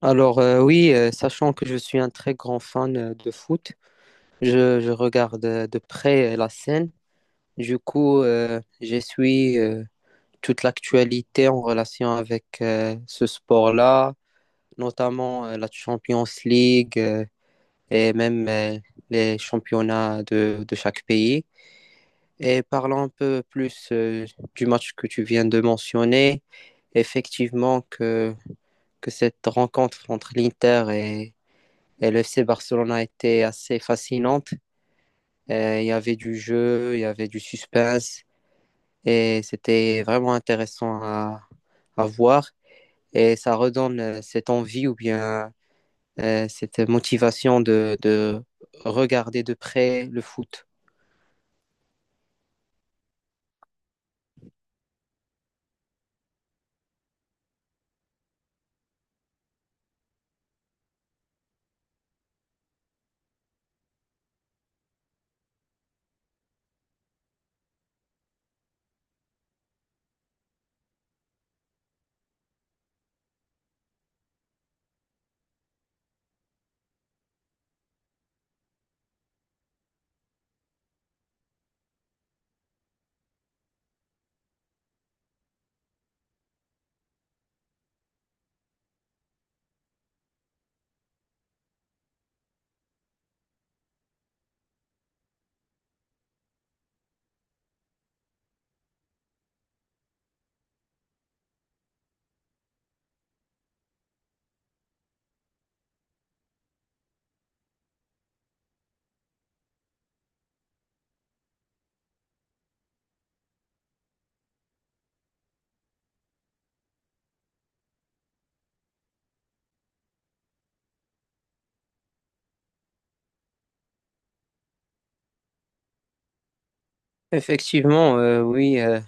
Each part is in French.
Alors, oui, sachant que je suis un très grand fan de foot, je regarde de près la scène. Du coup, je suis toute l'actualité en relation avec ce sport-là, notamment la Champions League et même les championnats de chaque pays. Et parlons un peu plus du match que tu viens de mentionner. Effectivement que cette rencontre entre l'Inter et le FC Barcelone a été assez fascinante. Et il y avait du jeu, il y avait du suspense et c'était vraiment intéressant à voir. Et ça redonne cette envie ou bien cette motivation de regarder de près le foot. Effectivement, oui,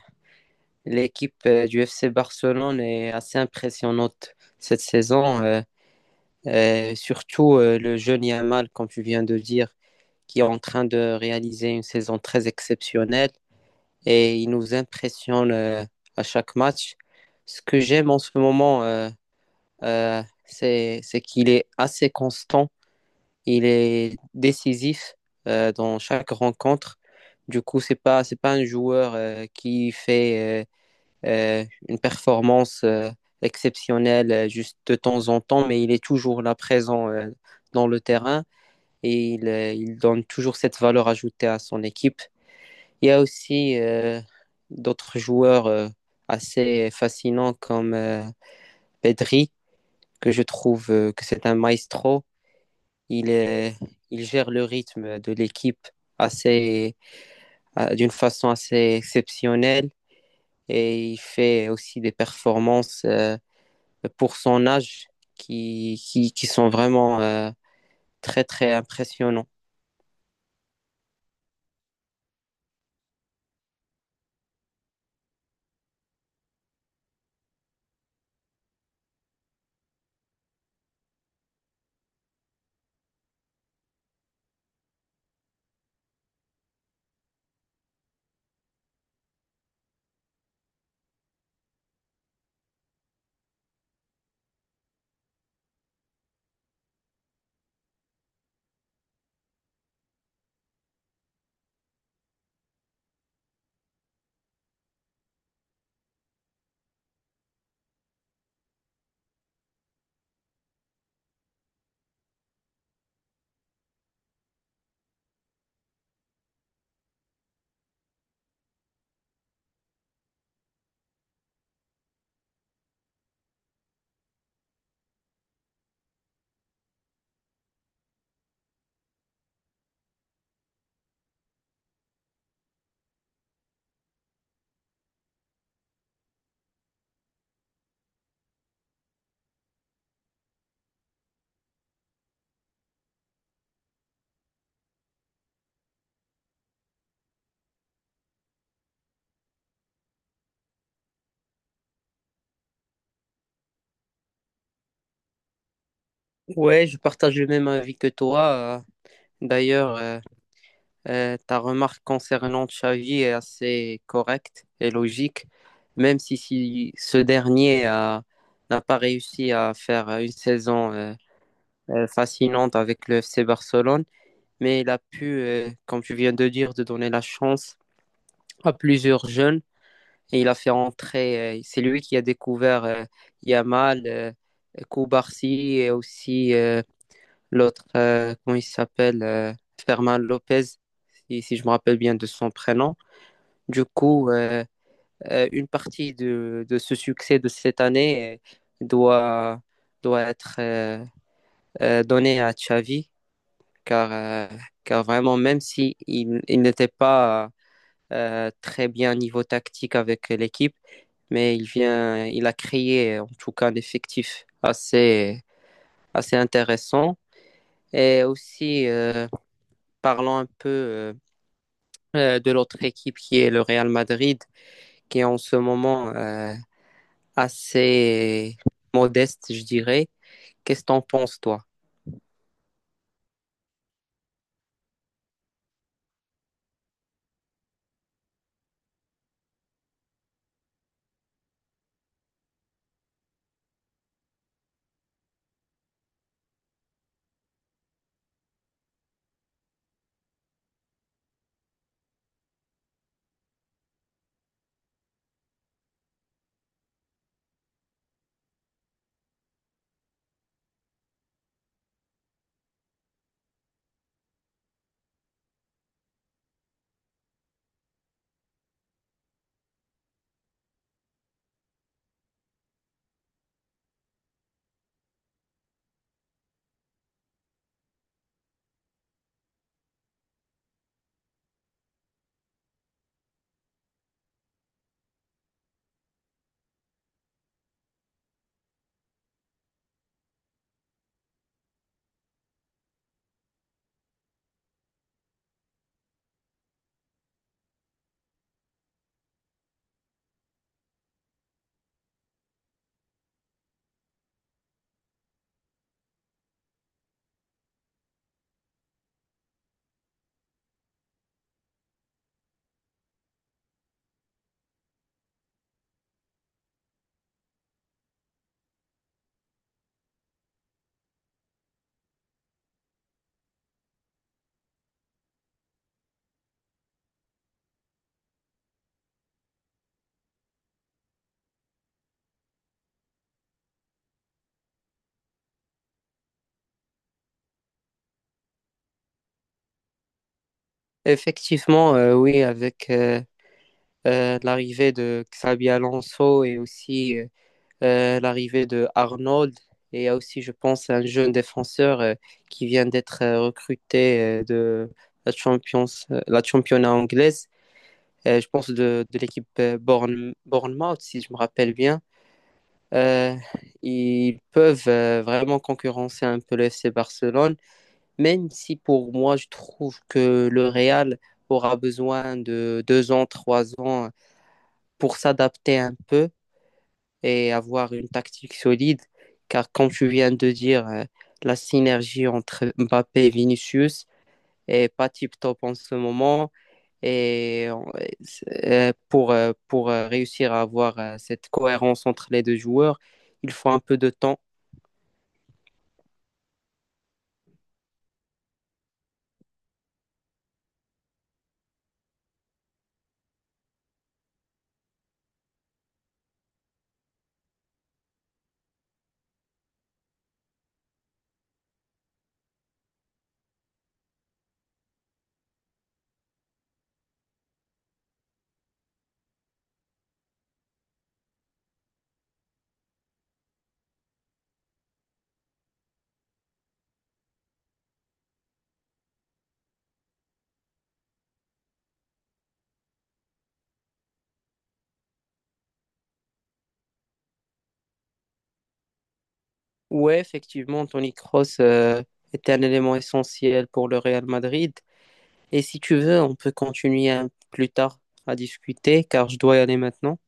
l'équipe du FC Barcelone est assez impressionnante cette saison, et surtout le jeune Yamal, comme tu viens de dire, qui est en train de réaliser une saison très exceptionnelle et il nous impressionne à chaque match. Ce que j'aime en ce moment, c'est qu'il est assez constant, il est décisif dans chaque rencontre. Du coup, c'est pas un joueur qui fait une performance exceptionnelle juste de temps en temps, mais il est toujours là présent dans le terrain et il donne toujours cette valeur ajoutée à son équipe. Il y a aussi d'autres joueurs assez fascinants comme Pedri, que je trouve que c'est un maestro. Il, est- il gère le rythme de l'équipe assez, d'une façon assez exceptionnelle et il fait aussi des performances pour son âge qui sont vraiment très, très impressionnants. Ouais, je partage le même avis que toi. D'ailleurs, ta remarque concernant Xavi est assez correcte et logique, même si ce dernier n'a pas réussi à faire une saison fascinante avec le FC Barcelone, mais il a pu, comme tu viens de dire, de donner la chance à plusieurs jeunes et il a fait entrer, c'est lui qui a découvert Yamal, Koubarsi et aussi l'autre, comment il s'appelle Fermin Lopez, si je me rappelle bien de son prénom. Du coup, une partie de ce succès de cette année euh, doit, doit être donnée à Xavi, car, euh, car vraiment, même si il n'était pas très bien niveau tactique avec l'équipe, mais il vient, il a créé en tout cas un effectif assez, assez intéressant. Et aussi, parlons un peu de l'autre équipe qui est le Real Madrid, qui est en ce moment assez modeste, je dirais. Qu'est-ce que t'en penses, toi? Effectivement, oui, avec l'arrivée de Xabi Alonso et aussi l'arrivée de Arnold, et il y a aussi, je pense, un jeune défenseur qui vient d'être recruté de la Champions, la championnat anglaise, je pense de l'équipe Bournemouth, si je me rappelle bien. Euh, ils peuvent vraiment concurrencer un peu le FC Barcelone, même si pour moi, je trouve que le Real aura besoin de 2 ans, 3 ans pour s'adapter un peu et avoir une tactique solide. Car comme tu viens de dire, la synergie entre Mbappé et Vinicius est pas tip-top en ce moment. Et pour réussir à avoir cette cohérence entre les deux joueurs, il faut un peu de temps. Ouais, effectivement, Tony Kroos était un élément essentiel pour le Real Madrid. Et si tu veux, on peut continuer plus tard à discuter, car je dois y aller maintenant.